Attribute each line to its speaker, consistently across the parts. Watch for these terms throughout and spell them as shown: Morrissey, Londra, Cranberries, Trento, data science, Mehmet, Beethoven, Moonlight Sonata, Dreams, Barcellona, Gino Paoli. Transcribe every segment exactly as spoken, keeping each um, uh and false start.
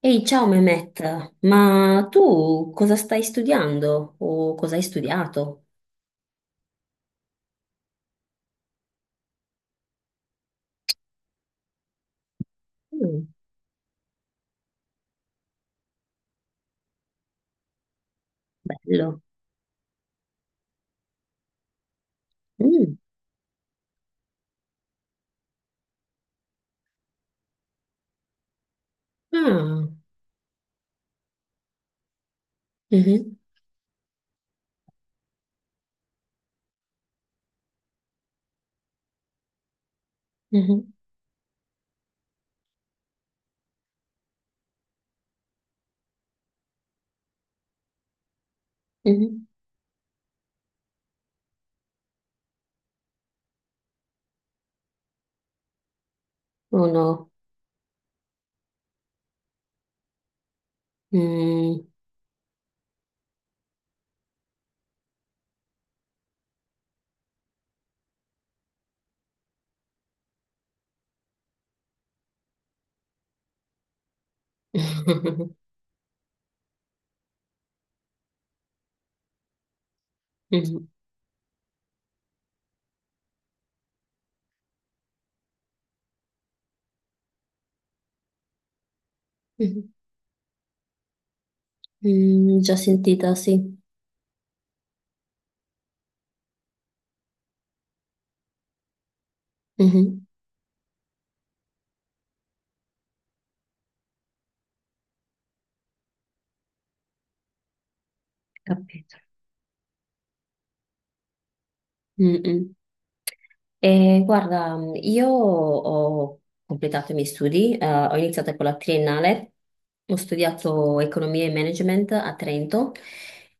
Speaker 1: Ehi, ciao Mehmet, ma tu cosa stai studiando o cosa hai studiato? Mm, bello. Mm, ah, mhm, mhm, mhm. Oh no. Mm. Mhm, mhm. Mm, già sentita, sì. Mhm. Capito. Mm, mm. Eh, guarda, io ho completato i miei studi, eh, ho iniziato con la triennale, ho studiato economia e management a Trento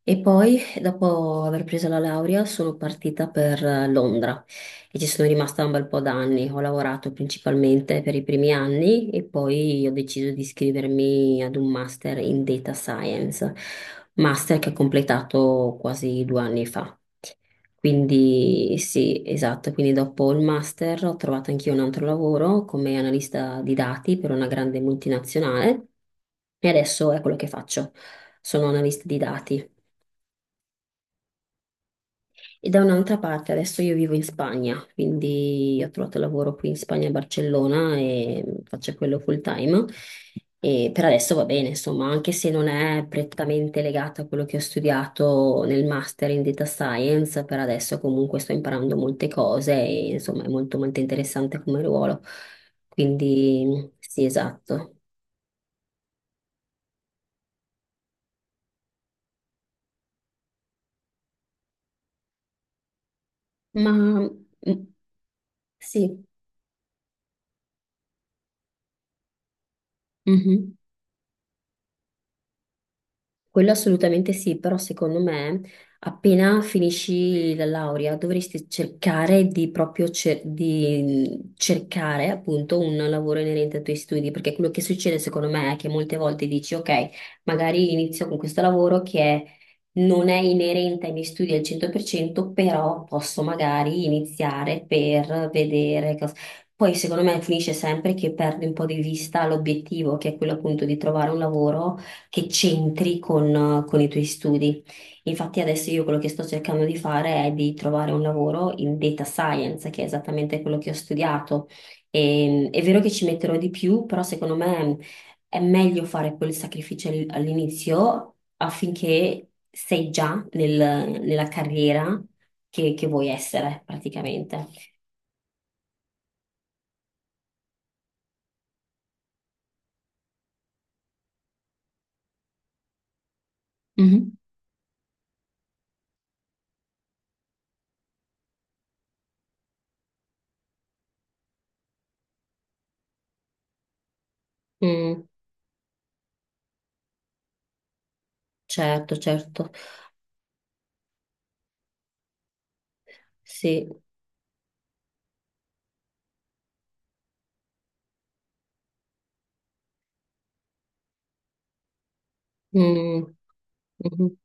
Speaker 1: e poi, dopo aver preso la laurea, sono partita per eh, Londra e ci sono rimasta un bel po' d'anni. Ho lavorato principalmente per i primi anni e poi ho deciso di iscrivermi ad un master in data science, master che ho completato quasi due anni fa. Quindi sì, esatto, quindi dopo il master ho trovato anch'io un altro lavoro come analista di dati per una grande multinazionale e adesso è quello che faccio. Sono analista di dati e da un'altra parte, adesso io vivo in Spagna, quindi ho trovato lavoro qui in Spagna, a Barcellona e faccio quello full time. E per adesso va bene, insomma, anche se non è prettamente legato a quello che ho studiato nel master in data science, per adesso comunque sto imparando molte cose e insomma è molto molto interessante come ruolo. Quindi sì, esatto. Ma mm, sì. Mhm. Quello assolutamente sì, però secondo me appena finisci la laurea dovresti cercare di proprio cer- di cercare appunto un lavoro inerente ai tuoi studi, perché quello che succede secondo me è che molte volte dici ok, magari inizio con questo lavoro che è non è inerente ai miei studi al cento per cento, però posso magari iniziare per vedere cosa... Poi secondo me finisce sempre che perdi un po' di vista l'obiettivo, che è quello appunto di trovare un lavoro che c'entri con, con i tuoi studi. Infatti adesso io quello che sto cercando di fare è di trovare un lavoro in data science, che è esattamente quello che ho studiato. E- è vero che ci metterò di più, però secondo me è meglio fare quel sacrificio all- all'inizio affinché sei già nel- nella carriera che, che vuoi essere praticamente. Mhm. Mm, certo, certo, sì, Mm, mhm,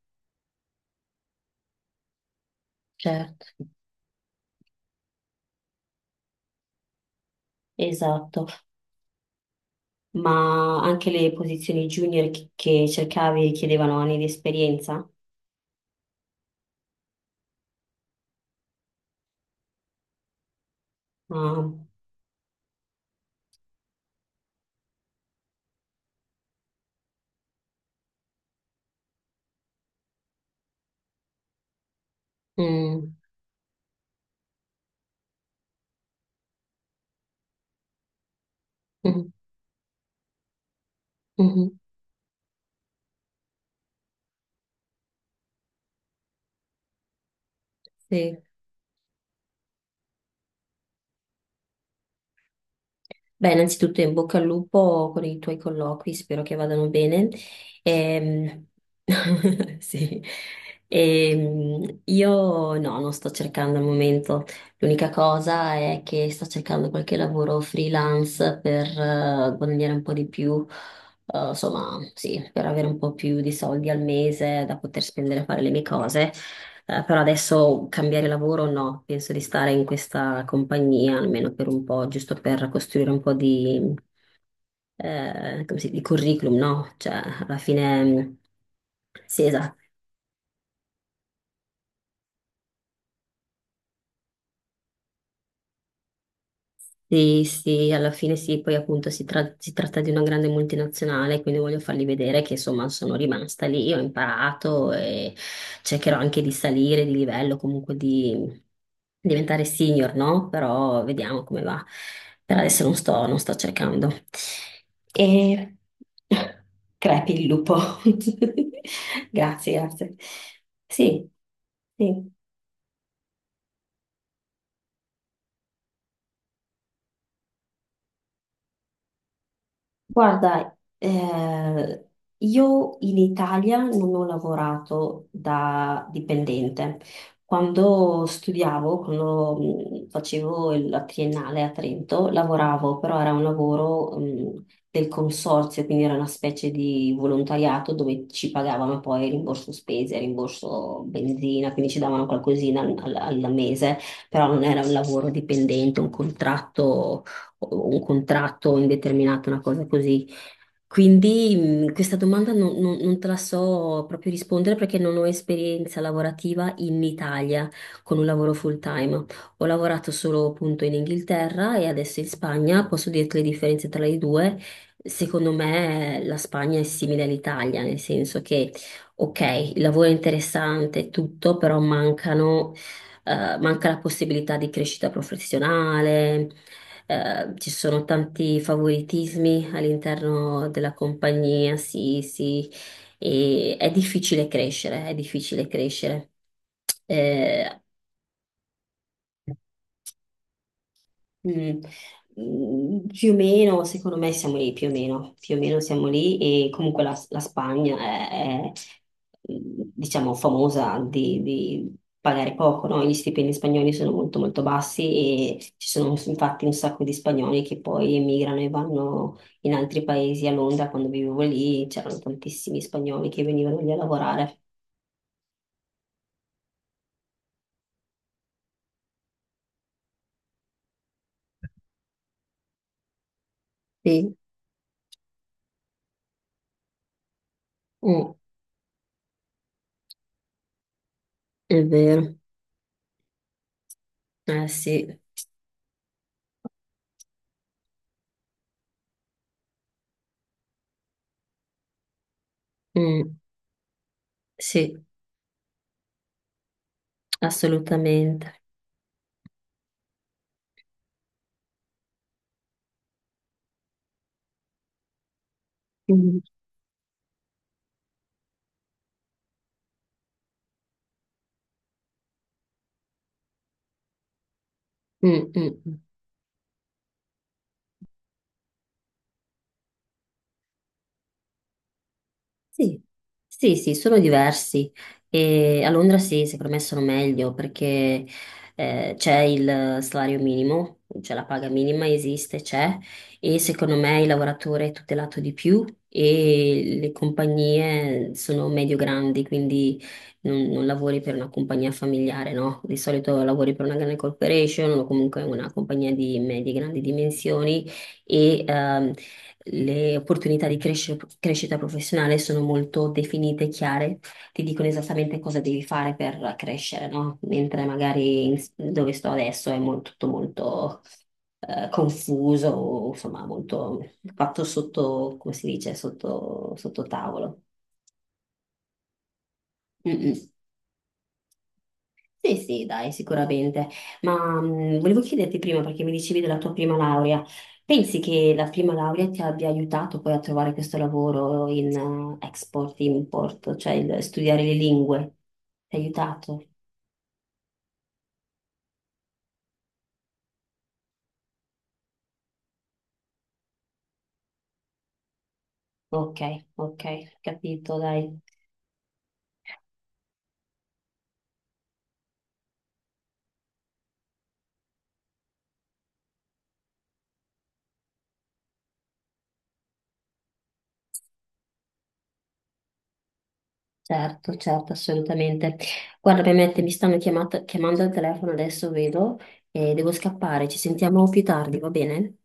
Speaker 1: certo, esatto. Ma anche le posizioni junior che, che cercavi chiedevano anni di esperienza? Ah, mm, mm, mhm, sì. Beh, innanzitutto in bocca al lupo con i tuoi colloqui, spero che vadano bene. Ehm, sì. Ehm, io no, non sto cercando al momento. L'unica cosa è che sto cercando qualche lavoro freelance per eh, guadagnare un po' di più, eh, insomma, sì, per avere un po' più di soldi al mese da poter spendere a fare le mie cose. Eh, però adesso cambiare lavoro no, penso di stare in questa compagnia almeno per un po', giusto per costruire un po' di, eh, come si- di curriculum, no? Cioè, alla fine, mh, sì, esatto. Sì, sì, alla fine sì, poi appunto si, tra- si tratta di una grande multinazionale, quindi voglio fargli vedere che insomma sono rimasta lì, ho imparato e cercherò anche di salire di livello, comunque di diventare senior, no? Però vediamo come va. Per adesso non sto, non sto cercando. E crepi il lupo. Grazie, grazie. Sì, sì. Guarda, eh, io in Italia non ho lavorato da dipendente. Quando studiavo, quando mh, facevo il- la triennale a Trento, lavoravo, però era un lavoro, mh, del consorzio, quindi era una specie di volontariato dove ci pagavano poi rimborso spese, rimborso benzina, quindi ci davano qualcosina al, al al mese, però non era un lavoro dipendente, un contratto o un contratto indeterminato, una cosa così. Quindi mh, questa domanda non, non- non te la so proprio rispondere perché non ho esperienza lavorativa in Italia con un lavoro full time. Ho lavorato solo appunto in Inghilterra e adesso in Spagna. Posso dirti le differenze tra le due. Secondo me la Spagna è simile all'Italia, nel senso che, ok, il lavoro è interessante, e tutto, però mancano eh, manca la possibilità di crescita professionale, eh, ci sono tanti favoritismi all'interno della compagnia, sì, sì, e è difficile crescere, è difficile crescere. Eh, Mm. Mm, Più o meno, secondo me siamo lì, più o meno, più o meno siamo lì e comunque la, la Spagna è, è, mm, diciamo, famosa di, di pagare poco, no? Gli stipendi spagnoli sono molto molto bassi e ci sono infatti un sacco di spagnoli che poi emigrano e vanno in altri paesi. A Londra, quando vivevo lì, c'erano tantissimi spagnoli che venivano lì a lavorare. Sì, mm, è vero, eh sì, Mm, sì, assolutamente. Mm, mm, mm. Sì, sì, sì, sono diversi e a Londra sì, secondo me sono meglio perché eh, c'è il salario minimo, cioè la paga minima esiste, c'è e secondo me il lavoratore è tutelato di più e le compagnie sono medio-grandi, quindi non, non lavori per una compagnia familiare, no? Di solito lavori per una grande corporation o comunque una compagnia di medie-grandi dimensioni e ehm, le opportunità di cresce- crescita professionale sono molto definite e chiare, ti dicono esattamente cosa devi fare per crescere, no? Mentre magari in- dove sto adesso è molto, tutto molto eh, confuso, insomma, molto fatto sotto, come si dice, sotto, sotto tavolo. Mm, mm. Sì, sì, dai, sicuramente. Ma mh, volevo chiederti prima, perché mi dicevi della tua prima laurea, pensi che la prima laurea ti abbia aiutato poi a trovare questo lavoro in eh, export, import, cioè il- studiare le lingue? Ti ha aiutato? Ok, ok, capito, dai. Certo, certo, assolutamente. Guarda, Mehmet, mi stanno chiamata- chiamando al telefono, adesso vedo e devo scappare. Ci sentiamo più tardi, va bene?